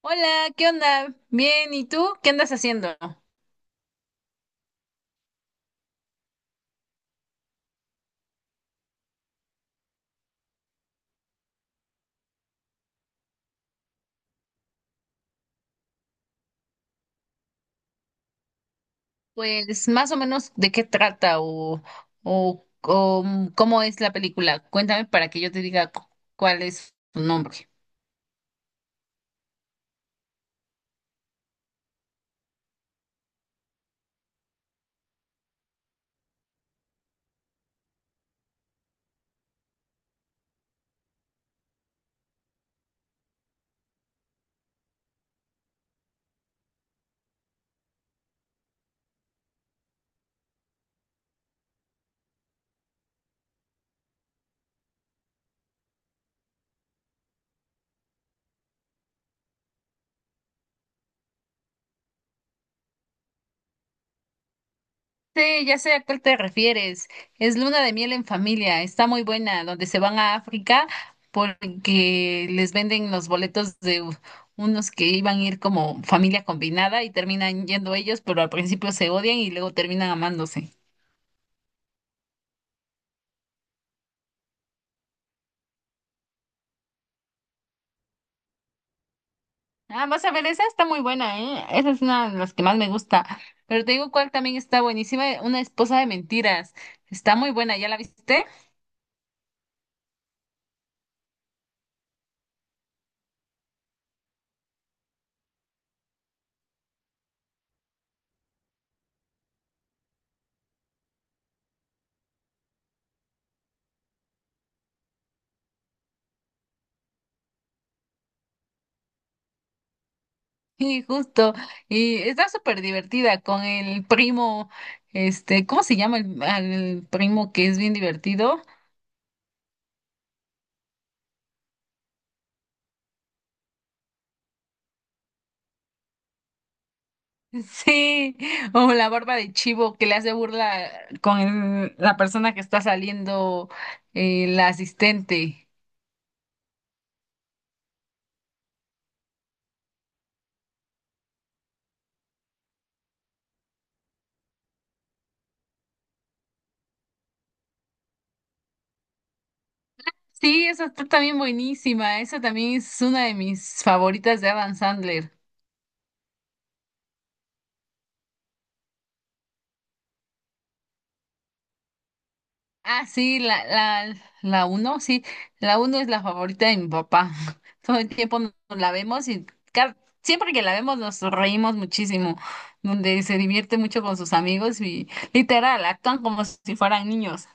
Hola, ¿qué onda? Bien, ¿y tú? ¿Qué andas haciendo? Pues más o menos de qué trata o cómo es la película. Cuéntame para que yo te diga cuál es su nombre. Sí, ya sé a cuál te refieres. Es Luna de miel en familia. Está muy buena, donde se van a África porque les venden los boletos de unos que iban a ir como familia combinada y terminan yendo ellos, pero al principio se odian y luego terminan amándose. Ah, vas a ver, esa está muy buena, ¿eh? Esa es una de las que más me gusta. Pero te digo cuál también está buenísima, Una esposa de mentiras. Está muy buena, ¿ya la viste? Y justo, y está súper divertida con el primo, este, ¿cómo se llama el, al primo que es bien divertido? Sí, o la barba de chivo que le hace burla con la persona que está saliendo, la asistente. Sí, esa está también buenísima. Esa también es una de mis favoritas de Adam Sandler. Ah, sí, la uno, sí. La uno es la favorita de mi papá. Todo el tiempo nos la vemos y ca- siempre que la vemos nos reímos muchísimo. Donde se divierte mucho con sus amigos y literal, actúan como si fueran niños.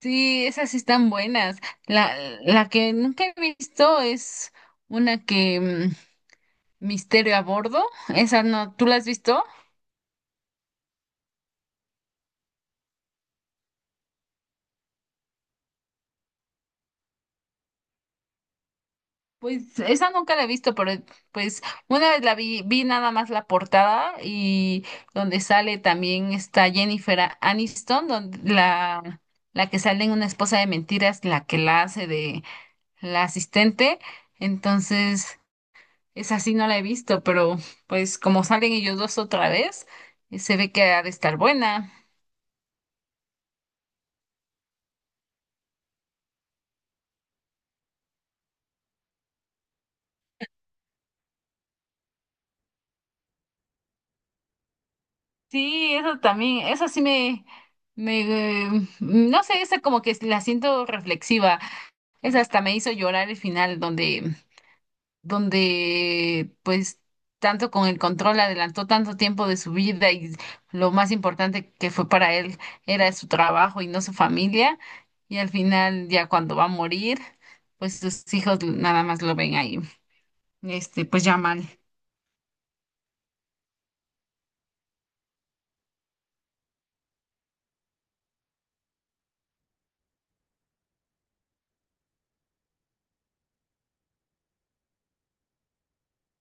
Sí, esas sí están buenas. La, la que nunca he visto es una que Misterio a bordo. Esa no, ¿tú la has visto? Pues esa nunca la he visto, pero pues una vez la vi nada más la portada y donde sale también está Jennifer Aniston, donde la que sale en Una esposa de mentiras, la que la hace de la asistente. Entonces, esa sí no la he visto, pero pues como salen ellos dos otra vez, se ve que ha de estar buena. Sí, eso también, eso sí me, no sé, esa como que la siento reflexiva. Esa hasta me hizo llorar el final donde pues tanto con el control adelantó tanto tiempo de su vida y lo más importante que fue para él era su trabajo y no su familia. Y al final ya cuando va a morir, pues sus hijos nada más lo ven ahí, este, pues ya mal.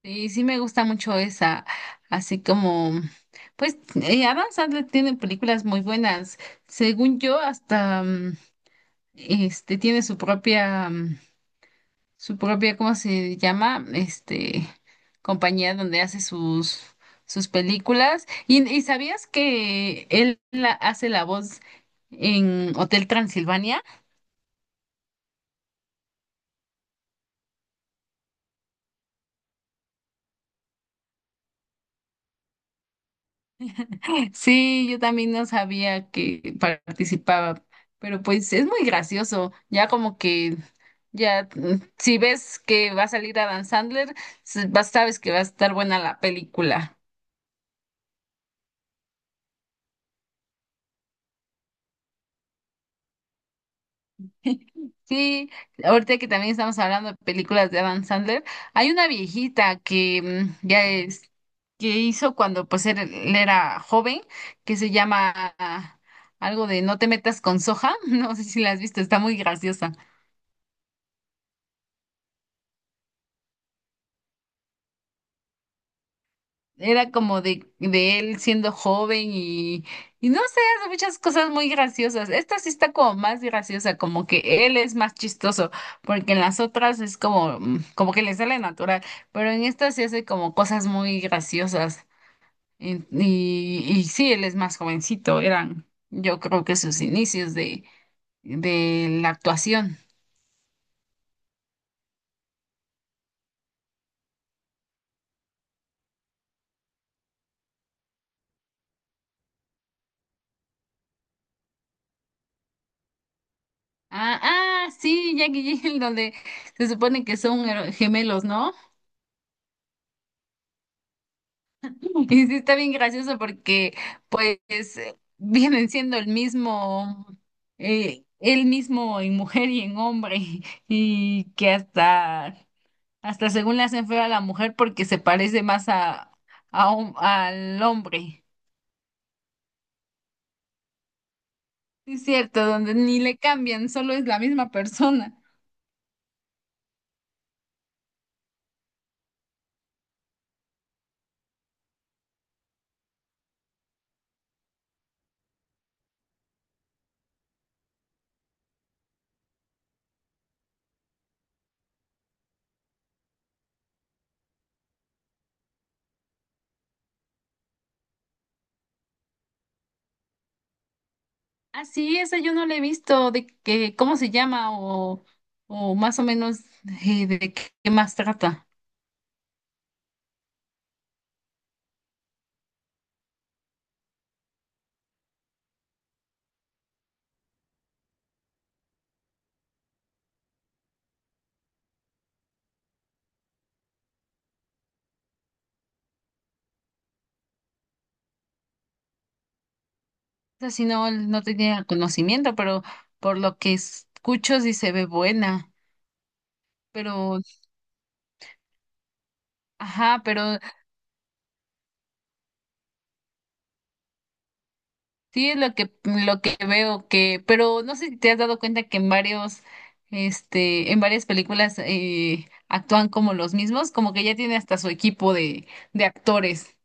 Y sí me gusta mucho esa, así como, pues Adam Sandler tiene películas muy buenas. Según yo, este tiene su propia, su propia, ¿cómo se llama? Este, compañía donde hace sus películas. Y sabías que él hace la voz en Hotel Transilvania? Sí, yo también no sabía que participaba, pero pues es muy gracioso, ya como que... Ya, si ves que va a salir Adam Sandler, sabes que va a estar buena la película. Sí, ahorita que también estamos hablando de películas de Adam Sandler, hay una viejita que que hizo cuando pues él era joven, que se llama ah, algo de No te metas con soja, no sé si la has visto, está muy graciosa. Era como de él siendo joven y no sé, hace muchas cosas muy graciosas. Esta sí está como más graciosa, como que él es más chistoso, porque en las otras es como como que le sale natural, pero en esta sí hace como cosas muy graciosas. Y sí, él es más jovencito, eran yo creo que sus inicios de la actuación. Ah, sí, Jackie y Jill, donde se supone que son gemelos, ¿no? Y sí está bien gracioso porque pues vienen siendo el mismo en mujer y en hombre y que hasta según le hacen feo a la mujer porque se parece más a al hombre. Sí, es cierto, donde ni le cambian, solo es la misma persona. Ah, sí, esa yo no la he visto de que cómo se llama o más o menos de qué más trata. O sea, si no, no tenía conocimiento, pero por lo que escucho sí se ve buena. Pero, ajá, pero sí es lo que veo que, pero no sé si te has dado cuenta que en varios, este, en varias películas actúan como los mismos, como que ya tiene hasta su equipo de actores.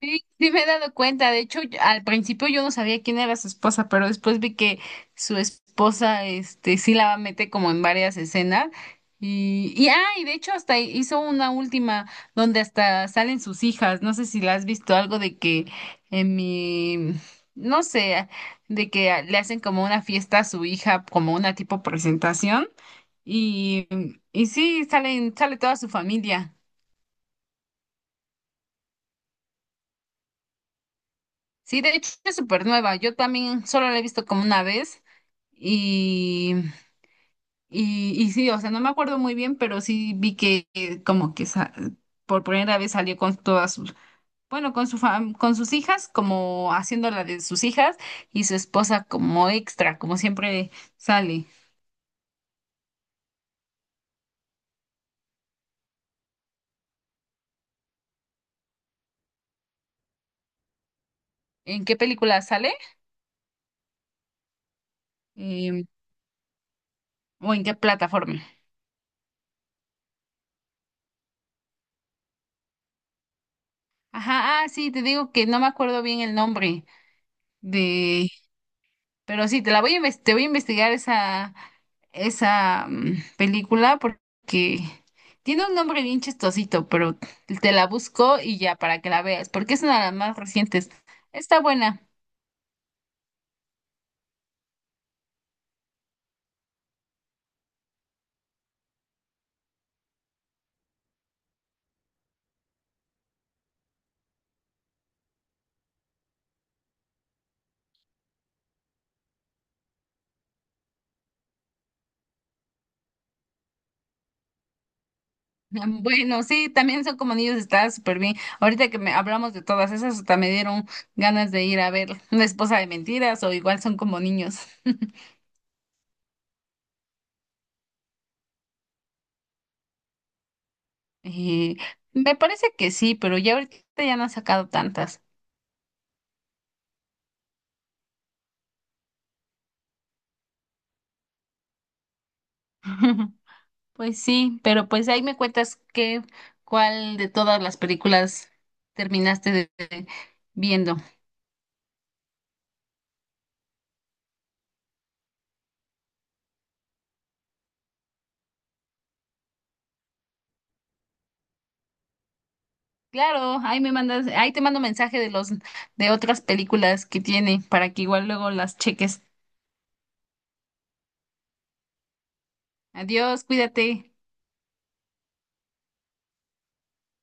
Sí, sí me he dado cuenta. De hecho, yo- al principio yo no sabía quién era su esposa, pero después vi que su esposa, este, sí la mete como en varias escenas. Y de hecho hasta hizo una última donde hasta salen sus hijas. No sé si la has visto algo de que en mi, no sé, de que le hacen como una fiesta a su hija, como una tipo presentación. Y, y sí, salen, sale toda su familia. Sí, de hecho es súper nueva. Yo también solo la he visto como una vez y, y sí, o sea, no me acuerdo muy bien, pero sí vi que como que por primera vez salió con todas sus, bueno, con su con sus hijas, como haciendo la de sus hijas y su esposa como extra, como siempre sale. ¿En qué película sale? Em, ¿o en qué plataforma? Ajá, ah, sí, te digo que no me acuerdo bien el nombre. Pero sí, te la voy a te voy a investigar esa, esa película porque tiene un nombre bien chistosito, pero te la busco y ya para que la veas, porque es una de las más recientes. Está buena. Bueno, sí, también son como niños, está súper bien. Ahorita que me hablamos de todas esas, hasta me dieron ganas de ir a ver una esposa de mentiras o igual son como niños. Eh, Me parece que sí, pero ya ahorita ya no han sacado tantas. Pues sí, pero pues ahí me cuentas cuál de todas las películas terminaste de viendo. Claro, ahí me mandas, ahí te mando mensaje de los de otras películas que tiene para que igual luego las cheques. Adiós, cuídate.